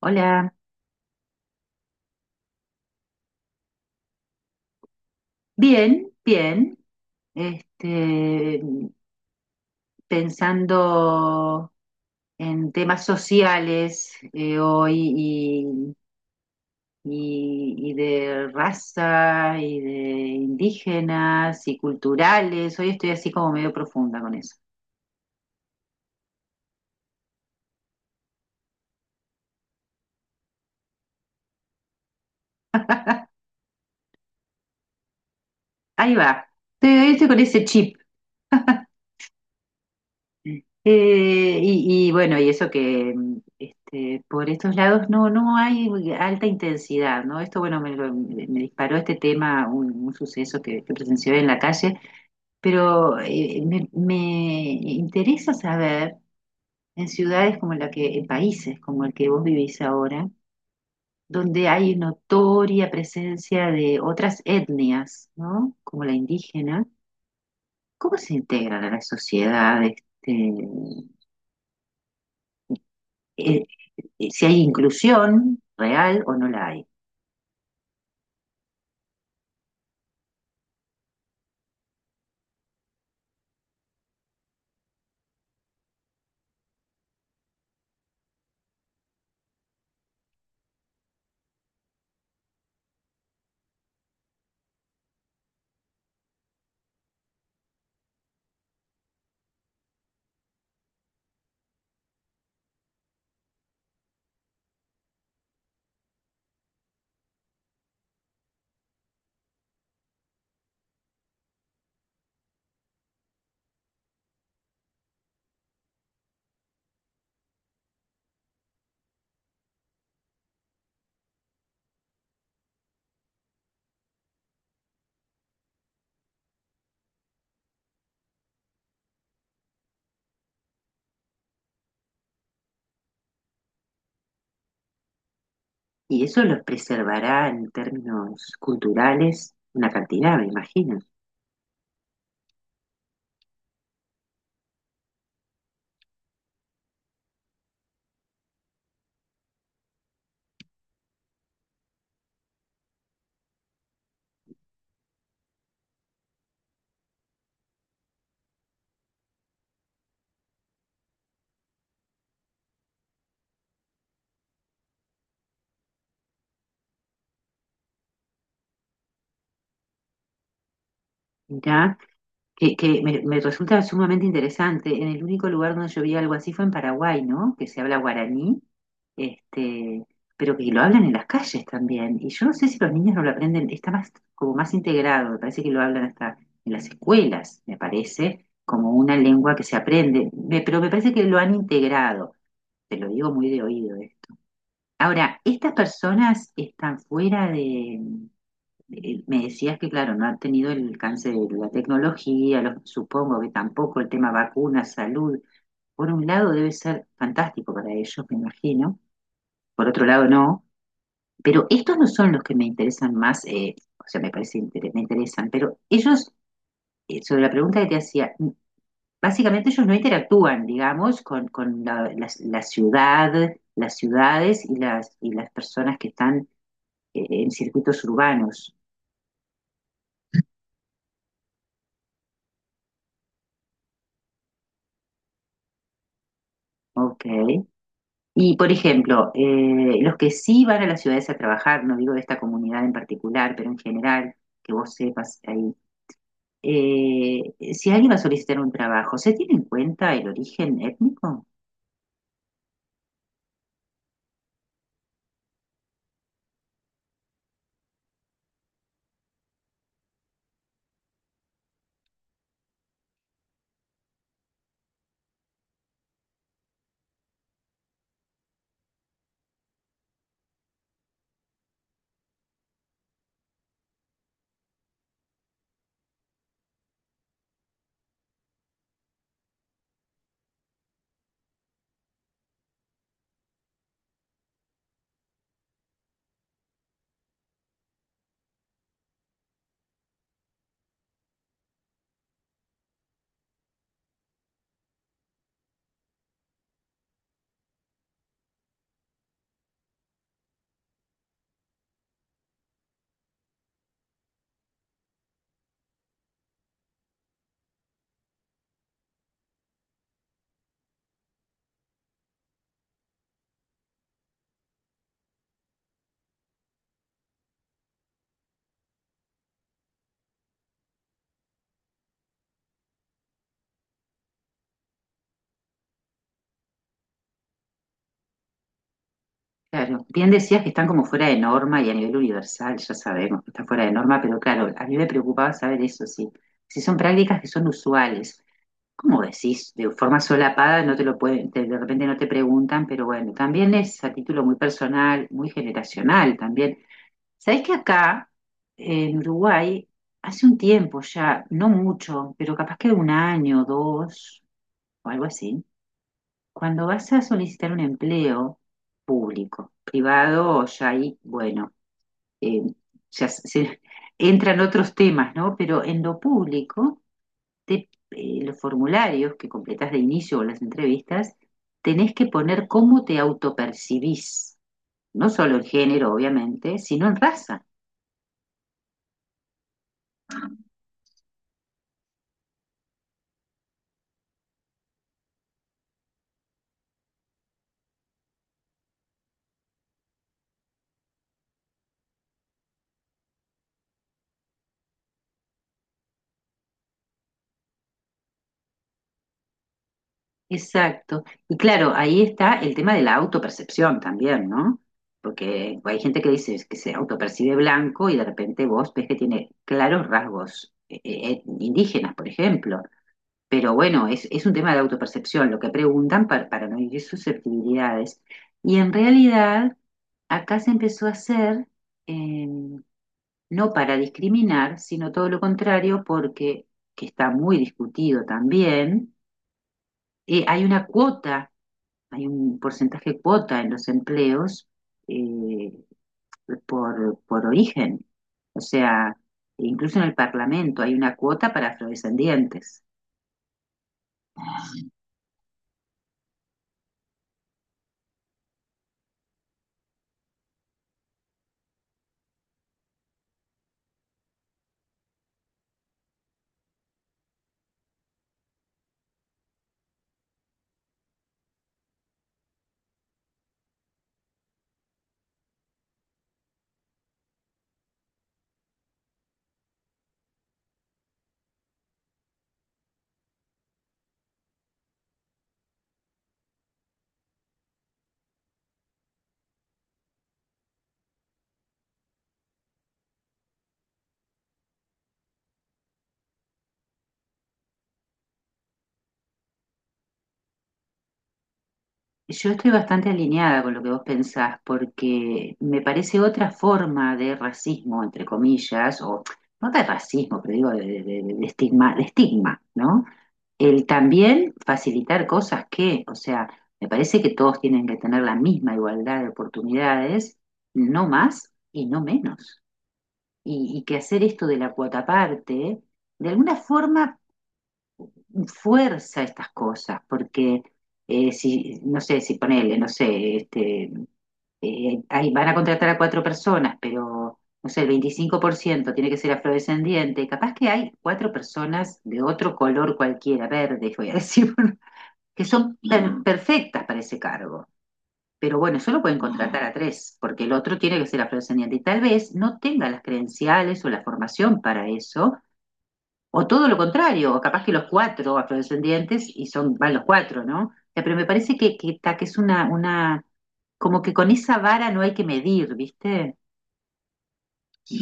Hola, bien, bien. Este, Pensando en temas sociales hoy y de raza y de indígenas y culturales. Hoy estoy así como medio profunda con eso. Ahí va. Hoy estoy con ese chip. Eh, y bueno, y eso que por estos lados no hay alta intensidad, ¿no? Esto, bueno, me disparó este tema, un suceso que presencié en la calle, pero me interesa saber en ciudades como la que, en países como el que vos vivís ahora, donde hay notoria presencia de otras etnias, ¿no? Como la indígena, ¿cómo se integran a la sociedad? E- ¿Si hay inclusión real o no la hay? Y eso los preservará en términos culturales una cantidad, me imagino. Mirá, me resulta sumamente interesante. En el único lugar donde yo vi algo así fue en Paraguay, ¿no? Que se habla guaraní, este, pero que lo hablan en las calles también. Y yo no sé si los niños no lo aprenden, como más integrado, me parece que lo hablan hasta en las escuelas, me parece, como una lengua que se aprende. Pero me parece que lo han integrado. Te lo digo muy de oído, ¿eh? Ahora, estas personas están fuera me decías que, claro, no han tenido el alcance de la tecnología, supongo que tampoco el tema vacunas, salud. Por un lado debe ser fantástico para ellos, me imagino, por otro lado no, pero estos no son los que me interesan más, o sea, me parece me interesan, pero ellos, sobre la pregunta que te hacía, básicamente ellos no interactúan, digamos, con la ciudad, las ciudades y las personas que están en circuitos urbanos. Ok. Y, por ejemplo, los que sí van a las ciudades a trabajar, no digo de esta comunidad en particular, pero en general, que vos sepas ahí, si alguien va a solicitar un trabajo, ¿se tiene en cuenta el origen étnico? Claro, bien decías que están como fuera de norma y a nivel universal, ya sabemos que están fuera de norma, pero claro, a mí me preocupaba saber eso, sí. Si son prácticas que son usuales, ¿cómo decís? De forma solapada no te lo pueden, de repente no te preguntan, pero bueno, también es a título muy personal, muy generacional también. Sabés que acá, en Uruguay, hace un tiempo ya, no mucho, pero capaz que un año, dos, o algo así, cuando vas a solicitar un empleo público, privado, ya ahí, bueno, eh, ya se- se- entran otros temas, ¿no? Pero en lo público, los formularios que completas de inicio o las entrevistas, tenés que poner cómo te autopercibís, no solo en género, obviamente, sino en raza. Exacto. Y claro, ahí está el tema de la autopercepción también, ¿no? Porque hay gente que dice que se autopercibe blanco y de repente vos ves que tiene claros rasgos indígenas, por ejemplo. Pero bueno, es un tema de autopercepción, lo que preguntan para no herir susceptibilidades. Y en realidad, acá se empezó a hacer, eh, no para discriminar, sino todo lo contrario, porque, que está muy discutido también, hay una cuota, hay un porcentaje cuota en los empleos eh, por origen. O sea, incluso en el Parlamento hay una cuota para afrodescendientes. Yo estoy bastante alineada con lo que vos pensás, porque me parece otra forma de racismo, entre comillas, o no de racismo, pero digo de estigma, ¿no? El también facilitar cosas que, o sea, me parece que todos tienen que tener la misma igualdad de oportunidades, no más y no menos. Y que hacer esto de la cuota parte, de alguna forma fuerza estas cosas, porque si, no sé, si ponele, no sé, ahí van a contratar a 4 personas, pero no sé, el 25% tiene que ser afrodescendiente, capaz que hay 4 personas de otro color cualquiera, verde, voy a decir, que son perfectas para ese cargo. Pero bueno, solo pueden contratar a tres, porque el otro tiene que ser afrodescendiente y tal vez no tenga las credenciales o la formación para eso, o todo lo contrario, o capaz que los cuatro afrodescendientes y son, van los 4, ¿no? O sea, pero me parece que es una, como que con esa vara no hay que medir, ¿viste? Sí,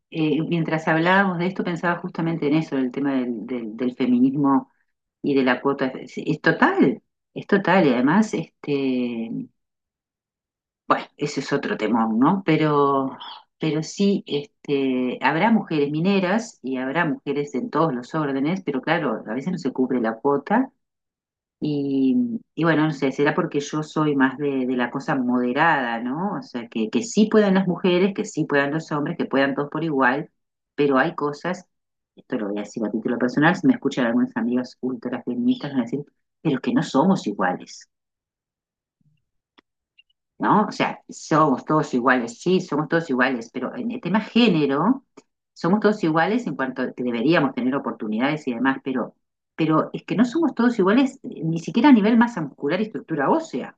mientras hablábamos de esto pensaba justamente en eso, en el tema del feminismo y de la cuota. Es total, es total. Y además, este, bueno, ese es otro temón, ¿no? Pero sí, este, habrá mujeres mineras y habrá mujeres en todos los órdenes, pero claro, a veces no se cubre la cuota y bueno, no sé, será porque yo soy más de la cosa moderada, ¿no? O sea, que sí puedan las mujeres, que sí puedan los hombres, que puedan todos por igual, pero hay cosas, esto lo voy a decir a título personal, si me escuchan algunos amigos ultrafeministas, van a decir, pero que no somos iguales. ¿No? O sea, somos todos iguales, sí, somos todos iguales, pero en el tema género, somos todos iguales en cuanto a que deberíamos tener oportunidades y demás, pero es que no somos todos iguales, ni siquiera a nivel masa muscular y estructura ósea.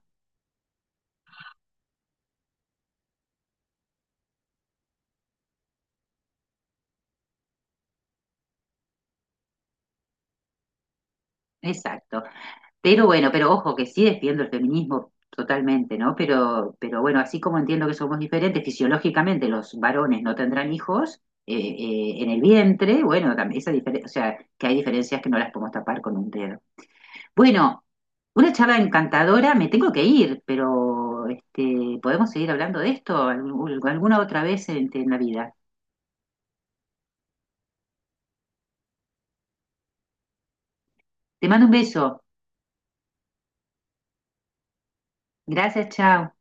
Exacto. Pero bueno, pero ojo que sí defiendo el feminismo totalmente, ¿no? Pero bueno, así como entiendo que somos diferentes, fisiológicamente los varones no tendrán hijos en el vientre, bueno, o sea, que hay diferencias que no las podemos tapar con un dedo. Bueno, una charla encantadora, me tengo que ir, pero este, podemos seguir hablando de esto alguna otra vez en la vida. Te mando un beso. Gracias, chao.